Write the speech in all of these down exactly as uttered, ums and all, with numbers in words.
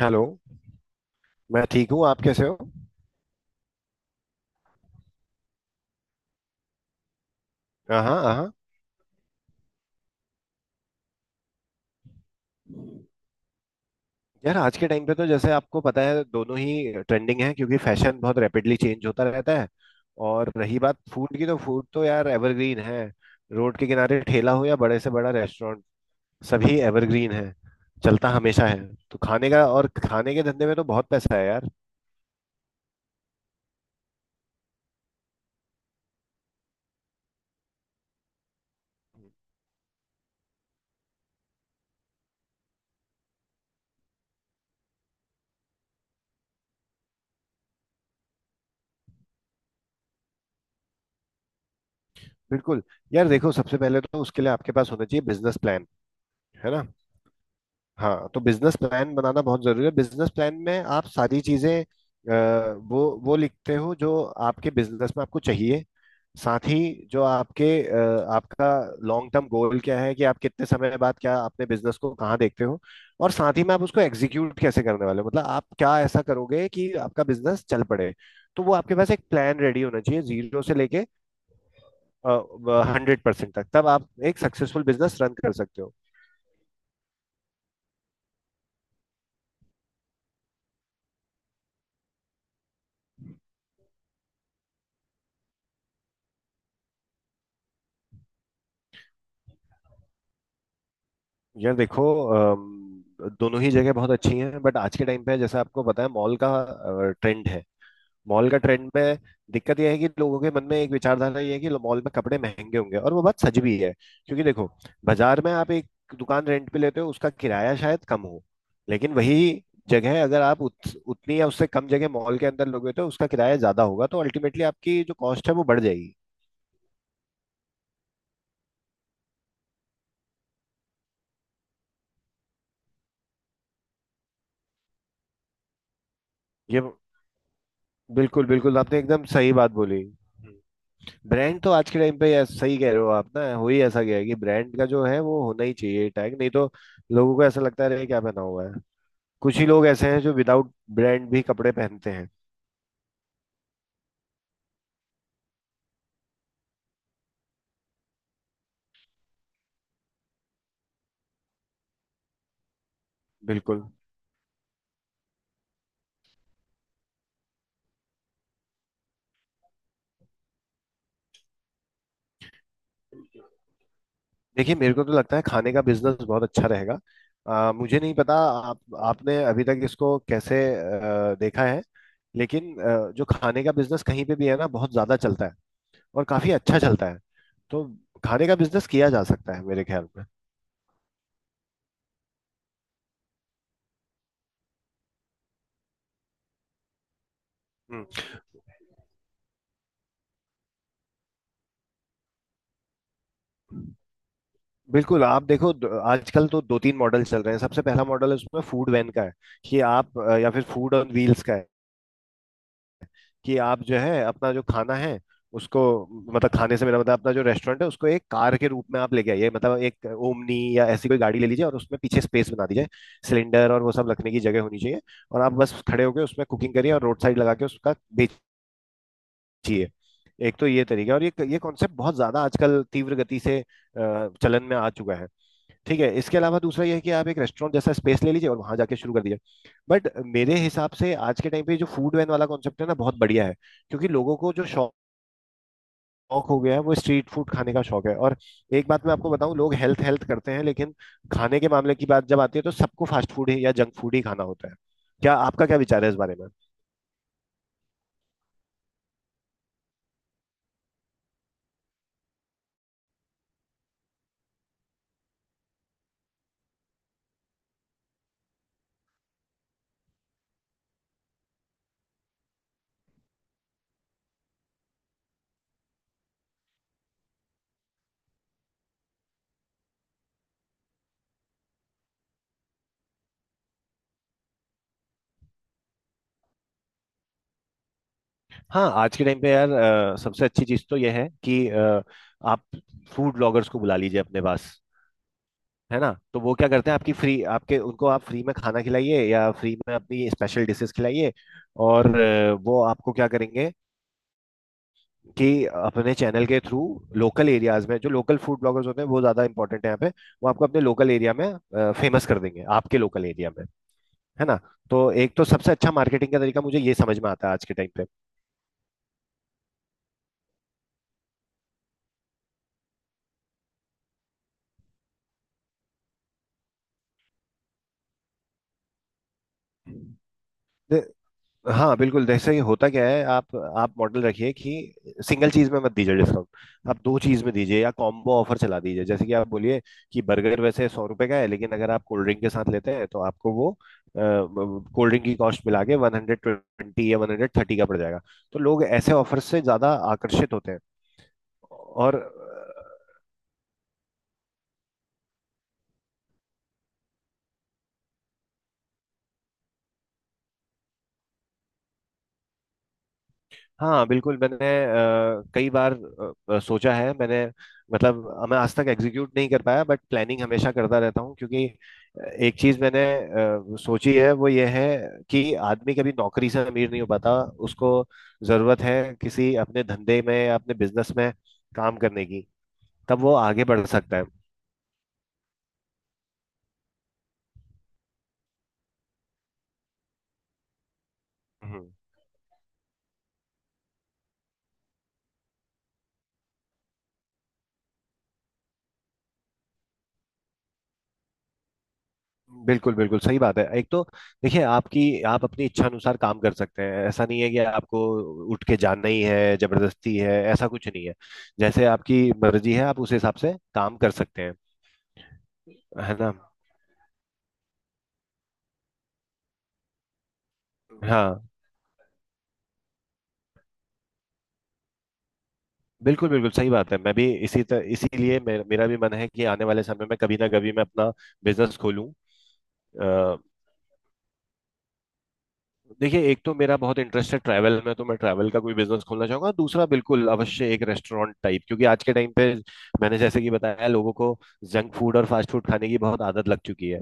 Hello. मैं ठीक हूँ। आप कैसे हो? हाँ, हाँ। यार आज के टाइम पे तो जैसे आपको पता है दोनों ही ट्रेंडिंग है, क्योंकि फैशन बहुत रैपिडली चेंज होता रहता है। और रही बात फूड की, तो फूड तो यार एवरग्रीन है। रोड के किनारे ठेला हो या बड़े से बड़ा रेस्टोरेंट, सभी एवरग्रीन है। चलता हमेशा है। तो खाने का और खाने के धंधे में तो बहुत पैसा है यार। बिल्कुल। यार देखो सबसे पहले तो उसके लिए आपके पास होना चाहिए बिजनेस प्लान। है ना? हाँ, तो बिजनेस प्लान बनाना बहुत जरूरी है। बिजनेस प्लान में आप सारी चीजें अ, वो वो लिखते हो जो आपके बिजनेस में आपको चाहिए। साथ ही जो आपके अ, आपका लॉन्ग टर्म गोल क्या है, कि आप कितने समय बाद क्या अपने बिजनेस को कहाँ देखते हो। और साथ ही में आप उसको एग्जीक्यूट कैसे करने वाले हो, मतलब आप क्या ऐसा करोगे कि आपका बिजनेस चल पड़े। तो वो आपके पास एक प्लान रेडी होना चाहिए, जीरो से लेके हंड्रेड परसेंट तक, तब आप एक सक्सेसफुल बिजनेस रन कर सकते हो। यार देखो अम, दोनों ही जगह बहुत अच्छी हैं, बट आज के टाइम पे जैसा आपको पता है मॉल का ट्रेंड है। मॉल का ट्रेंड में दिक्कत यह है कि लोगों के मन में एक विचारधारा ये है कि मॉल में कपड़े महंगे होंगे, और वो बात सच भी है। क्योंकि देखो, बाजार में आप एक दुकान रेंट पे लेते हो, उसका किराया शायद कम हो, लेकिन वही जगह अगर आप उत, उतनी या उससे कम जगह मॉल के अंदर लोगे तो उसका किराया ज्यादा होगा, तो अल्टीमेटली आपकी जो कॉस्ट है वो बढ़ जाएगी। ये बिल्कुल बिल्कुल, आपने एकदम सही बात बोली। ब्रांड तो आज के टाइम पे यार सही कह रहे हो आप। ना हो ही ऐसा गया है कि ब्रांड का जो है वो होना ही चाहिए टैग, नहीं तो लोगों को ऐसा लगता रहे क्या पहना हुआ है। कुछ ही लोग ऐसे हैं जो विदाउट ब्रांड भी कपड़े पहनते हैं। बिल्कुल। देखिए मेरे को तो लगता है खाने का बिजनेस बहुत अच्छा रहेगा। आ, मुझे नहीं पता आप आपने अभी तक इसको कैसे आ, देखा है। लेकिन अ, जो खाने का बिजनेस कहीं पे भी है ना, बहुत ज्यादा चलता है और काफी अच्छा चलता है। तो खाने का बिजनेस किया जा सकता है मेरे ख्याल में। हम्म। बिल्कुल। आप देखो द- आजकल तो दो तीन मॉडल चल रहे हैं। सबसे पहला मॉडल है उसमें फूड वैन का है, कि आप अ, या फिर फूड ऑन व्हील्स का है, कि आप जो है अपना जो खाना है उसको, मतलब खाने से मेरा मतलब अपना जो रेस्टोरेंट है उसको एक कार के रूप में आप लेके आइए, मतलब एक ओमनी या ऐसी कोई गाड़ी ले लीजिए और उसमें पीछे स्पेस बना दीजिए। सिलेंडर और वो सब रखने की जगह होनी चाहिए। और आप बस खड़े होकर उसमें कुकिंग करिए और रोड साइड लगा के उसका चाहिए। एक तो ये तरीका है, और ये ये कॉन्सेप्ट बहुत ज्यादा आजकल तीव्र गति से अ, चलन में आ चुका है। ठीक है। इसके अलावा दूसरा यह है कि आप एक रेस्टोरेंट जैसा स्पेस ले लीजिए और वहां जाके शुरू कर दीजिए। बट मेरे हिसाब से आज के टाइम पे जो फूड वैन वाला कॉन्सेप्ट है ना, बहुत बढ़िया है। क्योंकि लोगों को जो शौक शौक हो गया है वो स्ट्रीट फूड खाने का शौक है। और एक बात मैं आपको बताऊं, लोग हेल्थ हेल्थ करते हैं लेकिन खाने के मामले की बात जब आती है तो सबको फास्ट फूड ही या जंक फूड ही खाना होता है। क्या आपका क्या विचार है इस बारे में? हाँ आज के टाइम पे यार अ, सबसे अच्छी चीज तो यह है कि अ, आप फूड ब्लॉगर्स को बुला लीजिए अपने पास। है ना? तो वो क्या करते हैं, आपकी फ्री आपके उनको आप फ्री में खाना खिलाइए या फ्री में अपनी स्पेशल डिशेस खिलाइए। और अ, वो आपको क्या करेंगे कि अपने चैनल के थ्रू लोकल एरियाज में जो लोकल फूड ब्लॉगर्स होते हैं, वो ज्यादा इंपॉर्टेंट है यहाँ पे। वो आपको अपने लोकल एरिया में फेमस कर देंगे, आपके लोकल एरिया में। है ना? तो एक तो सबसे अच्छा मार्केटिंग का तरीका मुझे ये समझ में आता है आज के टाइम पे। हाँ, बिल्कुल। जैसे ही होता क्या है, आप आप मॉडल रखिए कि सिंगल चीज में मत दीजिए डिस्काउंट। आप दो चीज में दीजिए या कॉम्बो ऑफर चला दीजिए। जैसे कि आप बोलिए कि बर्गर वैसे सौ रुपए का है, लेकिन अगर आप कोल्ड ड्रिंक के साथ लेते हैं तो आपको वो अ, कोल्ड ड्रिंक की कॉस्ट मिला के वन हंड्रेड ट्वेंटी या वन हंड्रेड थर्टी का पड़ जाएगा। तो लोग ऐसे ऑफर से ज्यादा आकर्षित होते हैं। और हाँ बिल्कुल, मैंने अ, कई बार अ, अ, सोचा है मैंने, मतलब मैं आज तक एग्जीक्यूट नहीं कर पाया बट प्लानिंग हमेशा करता रहता हूँ, क्योंकि अ, एक चीज मैंने अ, सोची है, वो ये है कि आदमी कभी नौकरी से अमीर नहीं हो पाता। उसको जरूरत है किसी अपने धंधे में, अपने बिजनेस में काम करने की। तब वो आगे बढ़ सकता है। हम्म, बिल्कुल बिल्कुल सही बात है। एक तो देखिए आपकी, आप अपनी इच्छा अनुसार काम कर सकते हैं। ऐसा नहीं है कि आपको उठ के जाना ही है, जबरदस्ती है, ऐसा कुछ नहीं है। जैसे आपकी मर्जी है आप उस हिसाब से काम कर सकते हैं। है ना? हाँ, बिल्कुल बिल्कुल सही बात है। मैं भी इसी तरह, इसीलिए मे, मेरा भी मन है कि आने वाले समय में कभी ना कभी मैं अपना बिजनेस खोलूं। देखिए एक तो मेरा बहुत इंटरेस्ट है ट्रैवल में, तो मैं ट्रैवल का कोई बिजनेस खोलना चाहूंगा। दूसरा बिल्कुल अवश्य एक रेस्टोरेंट टाइप, क्योंकि आज के टाइम पे मैंने जैसे कि बताया, लोगों को जंक फूड और फास्ट फूड खाने की बहुत आदत लग चुकी है।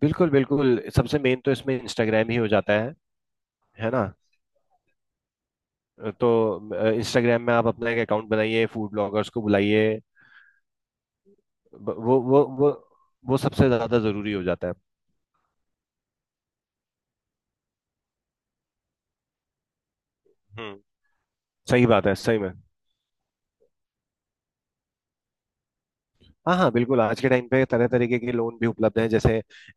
बिल्कुल बिल्कुल। सबसे मेन तो इसमें इंस्टाग्राम ही हो जाता है। है ना? तो इंस्टाग्राम में आप अपना एक अकाउंट बनाइए, फूड ब्लॉगर्स को बुलाइए। ब- वो वो वो वो सबसे ज्यादा जरूरी हो जाता है। हम्म, सही बात है सही में। हाँ हाँ बिल्कुल, आज के टाइम पे तरह तरीके के लोन भी उपलब्ध हैं, जैसे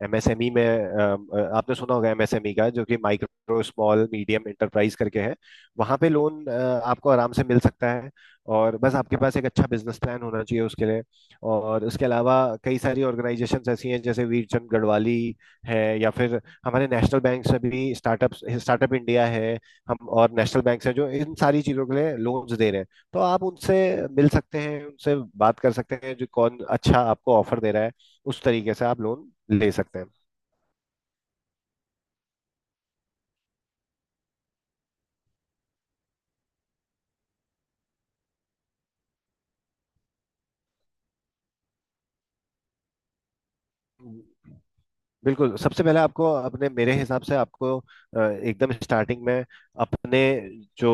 एम एस एम ई में अम, अ, आपने सुना होगा एम एस एम ई का, जो कि माइक्रो स्मॉल मीडियम एंटरप्राइज करके है। वहाँ पे लोन अ, आपको आराम से मिल सकता है। और बस आपके पास एक अच्छा बिजनेस प्लान होना चाहिए उसके लिए। और उसके अलावा कई सारी ऑर्गेनाइजेशंस ऐसी हैं, जैसे वीरचंद गढ़वाली है, या फिर हमारे नेशनल बैंक से भी स्टार्टअप स्टार्टअप इंडिया है। हम और नेशनल बैंक से जो इन सारी चीज़ों के लिए लोन्स दे रहे हैं। तो आप उनसे मिल सकते हैं, उनसे बात कर सकते हैं जो कौन अच्छा आपको ऑफर दे रहा है, उस तरीके से आप लोन ले सकते हैं। बिल्कुल, सबसे पहले आपको अपने मेरे हिसाब से आपको अ, एकदम स्टार्टिंग में अपने जो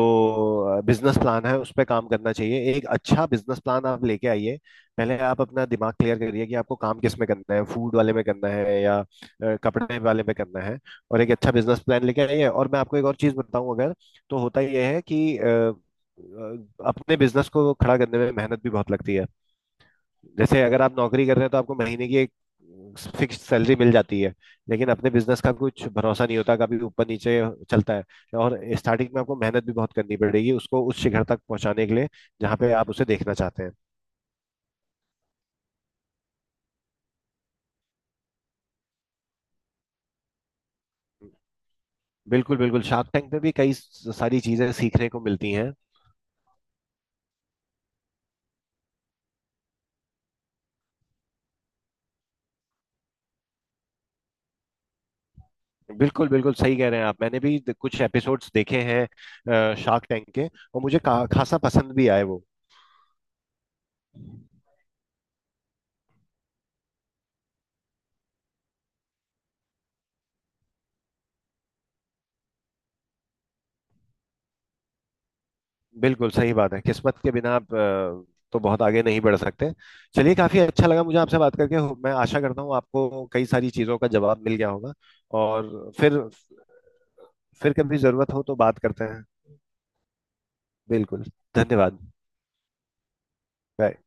बिजनेस प्लान है उस पर काम करना चाहिए। एक अच्छा बिजनेस प्लान आप लेके आइए। पहले आप अपना दिमाग क्लियर करिए कि आपको काम किस में करना है, फूड वाले में करना है या अ, कपड़े वाले में करना है। और एक अच्छा बिजनेस प्लान लेके आइए। और मैं आपको एक और चीज़ बताऊं, अगर तो होता यह है कि अ, अ, अपने बिजनेस को खड़ा करने में मेहनत भी बहुत लगती है। जैसे अगर आप नौकरी कर रहे हैं तो आपको महीने की एक फिक्स सैलरी मिल जाती है। लेकिन अपने बिजनेस का कुछ भरोसा नहीं होता, कभी ऊपर नीचे चलता है। और स्टार्टिंग में आपको मेहनत भी बहुत करनी पड़ेगी उसको उस शिखर तक पहुंचाने के लिए जहाँ पे आप उसे देखना चाहते हैं। बिल्कुल बिल्कुल। शार्क टैंक में भी कई सारी चीजें सीखने को मिलती हैं। बिल्कुल बिल्कुल सही कह रहे हैं आप। मैंने भी कुछ एपिसोड्स देखे हैं शार्क टैंक के, और मुझे का- खासा पसंद भी आए वो। बिल्कुल सही बात है, किस्मत के बिना आप अ, तो बहुत आगे नहीं बढ़ सकते। चलिए, काफी अच्छा लगा मुझे आपसे बात करके। मैं आशा करता हूँ आपको कई सारी चीजों का जवाब मिल गया होगा। और फिर फिर कभी जरूरत हो तो बात करते हैं। बिल्कुल। धन्यवाद। बाय।